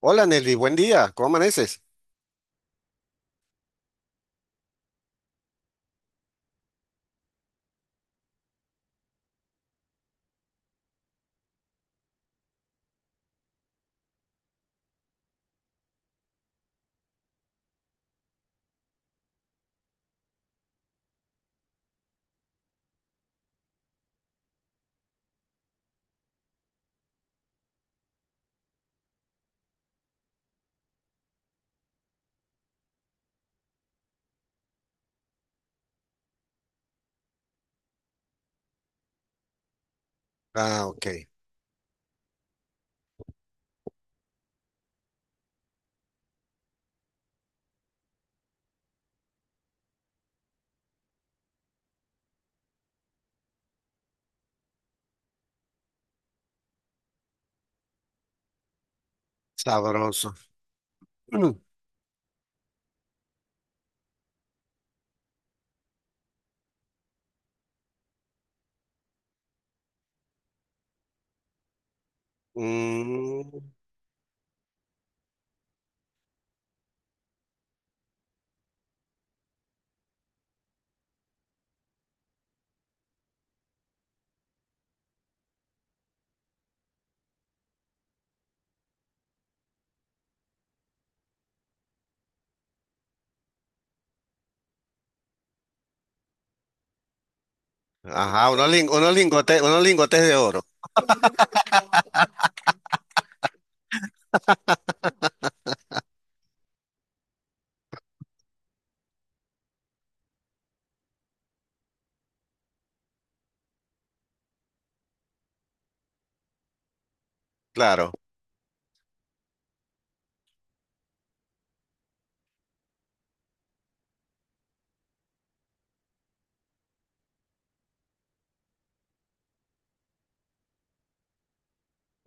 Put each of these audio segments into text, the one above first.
Hola Nelly, buen día, ¿cómo amaneces? Ah, ok, sabroso. Mm. Mm. Ajá, unos, unos lingotes de oro, claro.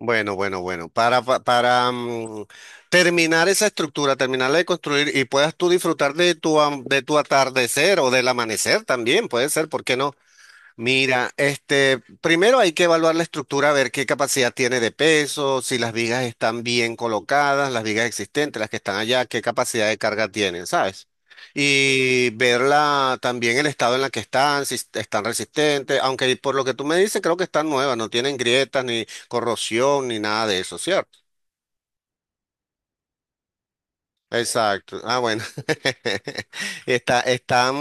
Bueno, bueno, bueno, para terminar esa estructura, terminarla de construir y puedas tú disfrutar de tu, de tu atardecer o del amanecer también, puede ser, ¿por qué no? Mira, este, primero hay que evaluar la estructura, ver qué capacidad tiene de peso, si las vigas están bien colocadas, las vigas existentes, las que están allá, qué capacidad de carga tienen, ¿sabes? Y ver también el estado en la que están, si están resistentes, aunque por lo que tú me dices, creo que están nuevas, no tienen grietas, ni corrosión, ni nada de eso, ¿cierto? Exacto. Ah, bueno. Está, están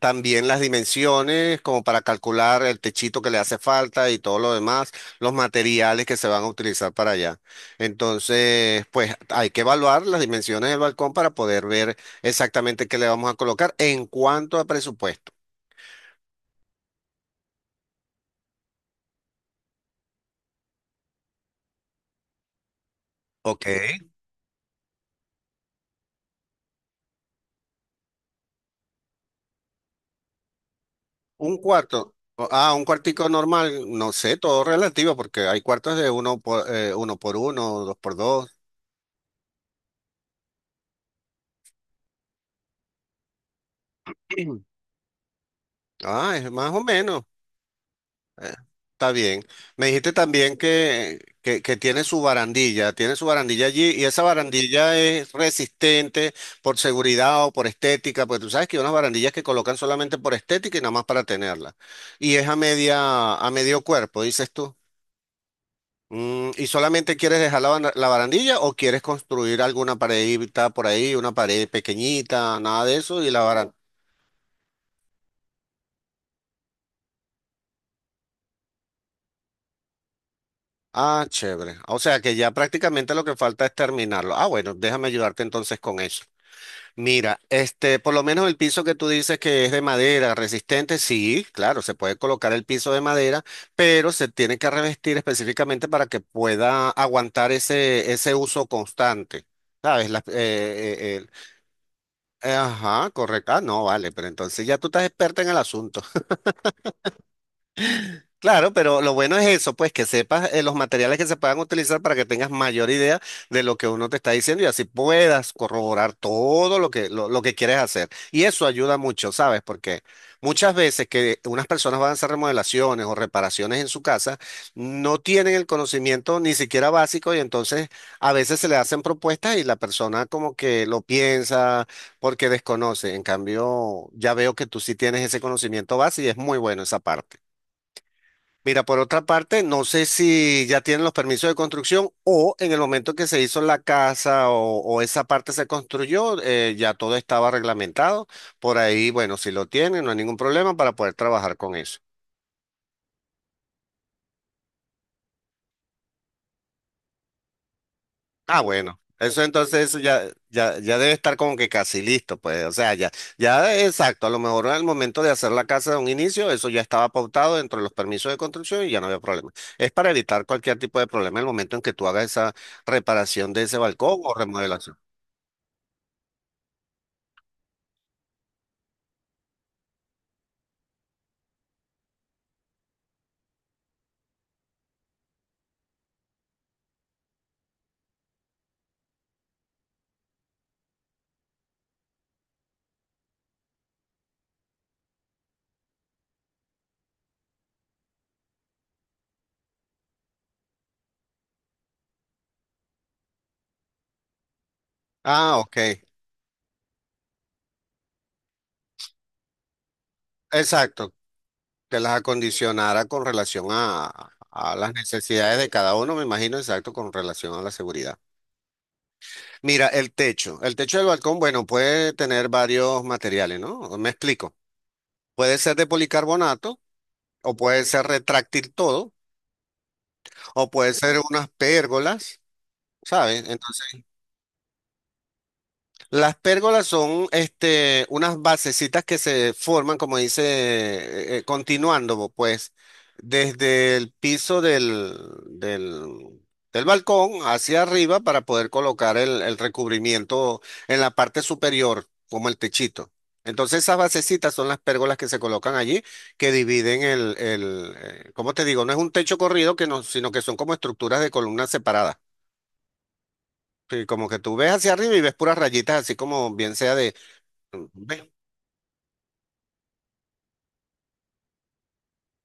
también las dimensiones como para calcular el techito que le hace falta y todo lo demás, los materiales que se van a utilizar para allá. Entonces, pues hay que evaluar las dimensiones del balcón para poder ver exactamente qué le vamos a colocar en cuanto a presupuesto. Ok. Un cuarto. Ah, un cuartico normal, no sé, todo relativo, porque hay cuartos de uno por, uno por uno, dos por dos. Ah, es más o menos. Eh, Está bien. Me dijiste también que tiene su barandilla allí y esa barandilla es resistente por seguridad o por estética, porque tú sabes que hay unas barandillas que colocan solamente por estética y nada más para tenerla. Y es a media, a medio cuerpo, dices tú. Mm, ¿y solamente quieres dejar la, la barandilla o quieres construir alguna paredita por ahí, una pared pequeñita, nada de eso y la barandilla? Ah, chévere. O sea que ya prácticamente lo que falta es terminarlo. Ah, bueno, déjame ayudarte entonces con eso. Mira, este, por lo menos el piso que tú dices que es de madera resistente, sí, claro, se puede colocar el piso de madera, pero se tiene que revestir específicamente para que pueda aguantar ese, ese uso constante. ¿Sabes? Ajá, correcto. Ah, no, vale, pero entonces ya tú estás experta en el asunto. Claro, pero lo bueno es eso, pues que sepas los materiales que se puedan utilizar para que tengas mayor idea de lo que uno te está diciendo y así puedas corroborar todo lo que, lo que quieres hacer. Y eso ayuda mucho, ¿sabes? Porque muchas veces que unas personas van a hacer remodelaciones o reparaciones en su casa, no tienen el conocimiento ni siquiera básico y entonces a veces se le hacen propuestas y la persona como que lo piensa porque desconoce. En cambio, ya veo que tú sí tienes ese conocimiento base y es muy bueno esa parte. Mira, por otra parte, no sé si ya tienen los permisos de construcción o en el momento que se hizo la casa o esa parte se construyó, ya todo estaba reglamentado. Por ahí, bueno, si lo tienen, no hay ningún problema para poder trabajar con eso. Ah, bueno, eso entonces eso ya, ya, ya debe estar como que casi listo, pues, o sea, ya, ya exacto, a lo mejor al momento de hacer la casa de un inicio, eso ya estaba pautado dentro de los permisos de construcción y ya no había problema. Es para evitar cualquier tipo de problema en el momento en que tú hagas esa reparación de ese balcón o remodelación. Ah, ok, exacto, que las acondicionara con relación a las necesidades de cada uno, me imagino, exacto, con relación a la seguridad. Mira, el techo. El techo del balcón, bueno, puede tener varios materiales, ¿no? Me explico. Puede ser de policarbonato, o puede ser retráctil todo, o puede ser unas pérgolas, ¿sabes? Las pérgolas son este, unas basecitas que se forman, como dice, continuando, pues, desde el piso del, del balcón hacia arriba para poder colocar el recubrimiento en la parte superior, como el techito. Entonces, esas basecitas son las pérgolas que se colocan allí, que dividen el, ¿cómo te digo? No es un techo corrido, que no, sino que son como estructuras de columnas separadas. Sí, como que tú ves hacia arriba y ves puras rayitas, así como bien sea. Ve.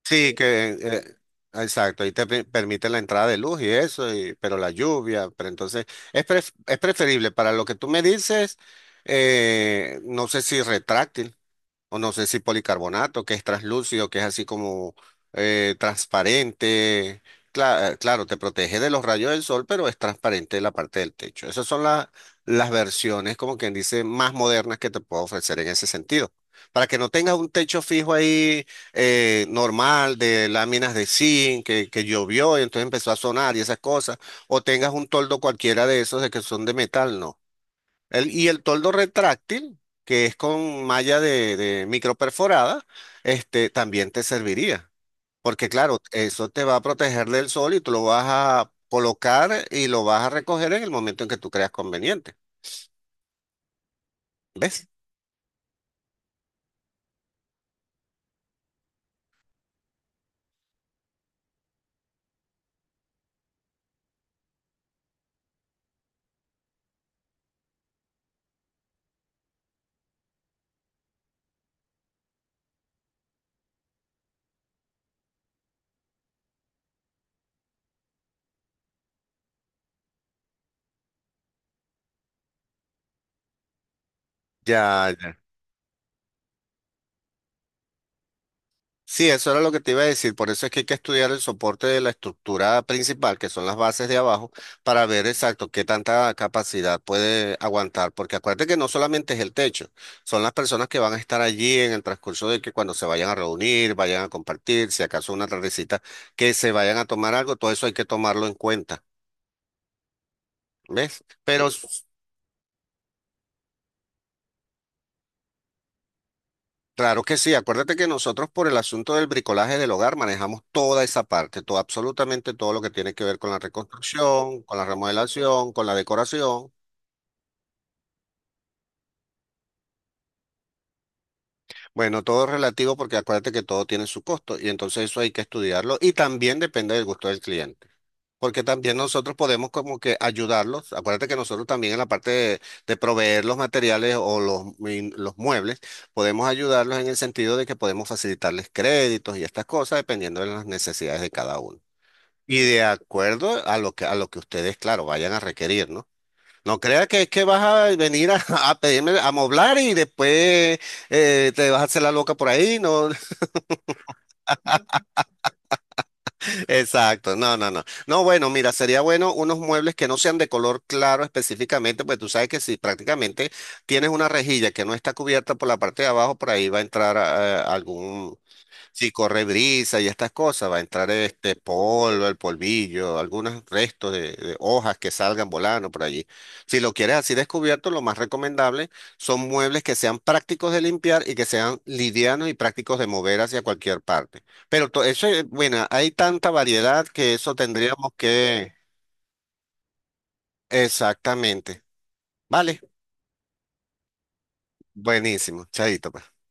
Sí, que exacto, ahí te permite la entrada de luz y eso, pero la lluvia, pero entonces es, es preferible para lo que tú me dices, no sé si retráctil. O no sé si policarbonato, que es translúcido, que es así como transparente. Claro, te protege de los rayos del sol, pero es transparente la parte del techo. Esas son las versiones, como quien dice, más modernas que te puedo ofrecer en ese sentido. Para que no tengas un techo fijo ahí normal de láminas de zinc que llovió y entonces empezó a sonar y esas cosas, o tengas un toldo cualquiera de esos de que son de metal, no. Y el toldo retráctil, que es con malla de microperforada, este, también te serviría. Porque claro, eso te va a proteger del sol y tú lo vas a colocar y lo vas a recoger en el momento en que tú creas conveniente. ¿Ves? Ya, ya. Sí, eso era lo que te iba a decir. Por eso es que hay que estudiar el soporte de la estructura principal, que son las bases de abajo, para ver exacto qué tanta capacidad puede aguantar. Porque acuérdate que no solamente es el techo, son las personas que van a estar allí en el transcurso de que cuando se vayan a reunir, vayan a compartir, si acaso una tardecita, que se vayan a tomar algo, todo eso hay que tomarlo en cuenta. ¿Ves? Pero sí. Claro que sí, acuérdate que nosotros por el asunto del bricolaje del hogar manejamos toda esa parte, todo, absolutamente todo lo que tiene que ver con la reconstrucción, con la remodelación, con la decoración. Bueno, todo es relativo porque acuérdate que todo tiene su costo y entonces eso hay que estudiarlo y también depende del gusto del cliente. Porque también nosotros podemos como que ayudarlos. Acuérdate que nosotros también en la parte de proveer los materiales o los, los muebles, podemos ayudarlos en el sentido de que podemos facilitarles créditos y estas cosas dependiendo de las necesidades de cada uno. Y de acuerdo a lo que ustedes, claro, vayan a requerir, ¿no? No crea que es que vas a venir a, a pedirme a moblar y después te vas a hacer la loca por ahí, ¿no? Exacto, no, no, no. No, bueno, mira, sería bueno unos muebles que no sean de color claro específicamente, pues tú sabes que si prácticamente tienes una rejilla que no está cubierta por la parte de abajo, por ahí va a entrar algún, si corre brisa y estas cosas, va a entrar este polvo, el polvillo, algunos restos de hojas que salgan volando por allí. Si lo quieres así descubierto, lo más recomendable son muebles que sean prácticos de limpiar y que sean livianos y prácticos de mover hacia cualquier parte. Pero eso, bueno, hay tanta variedad que eso tendríamos que... Exactamente. Vale, buenísimo. Chaito, pues.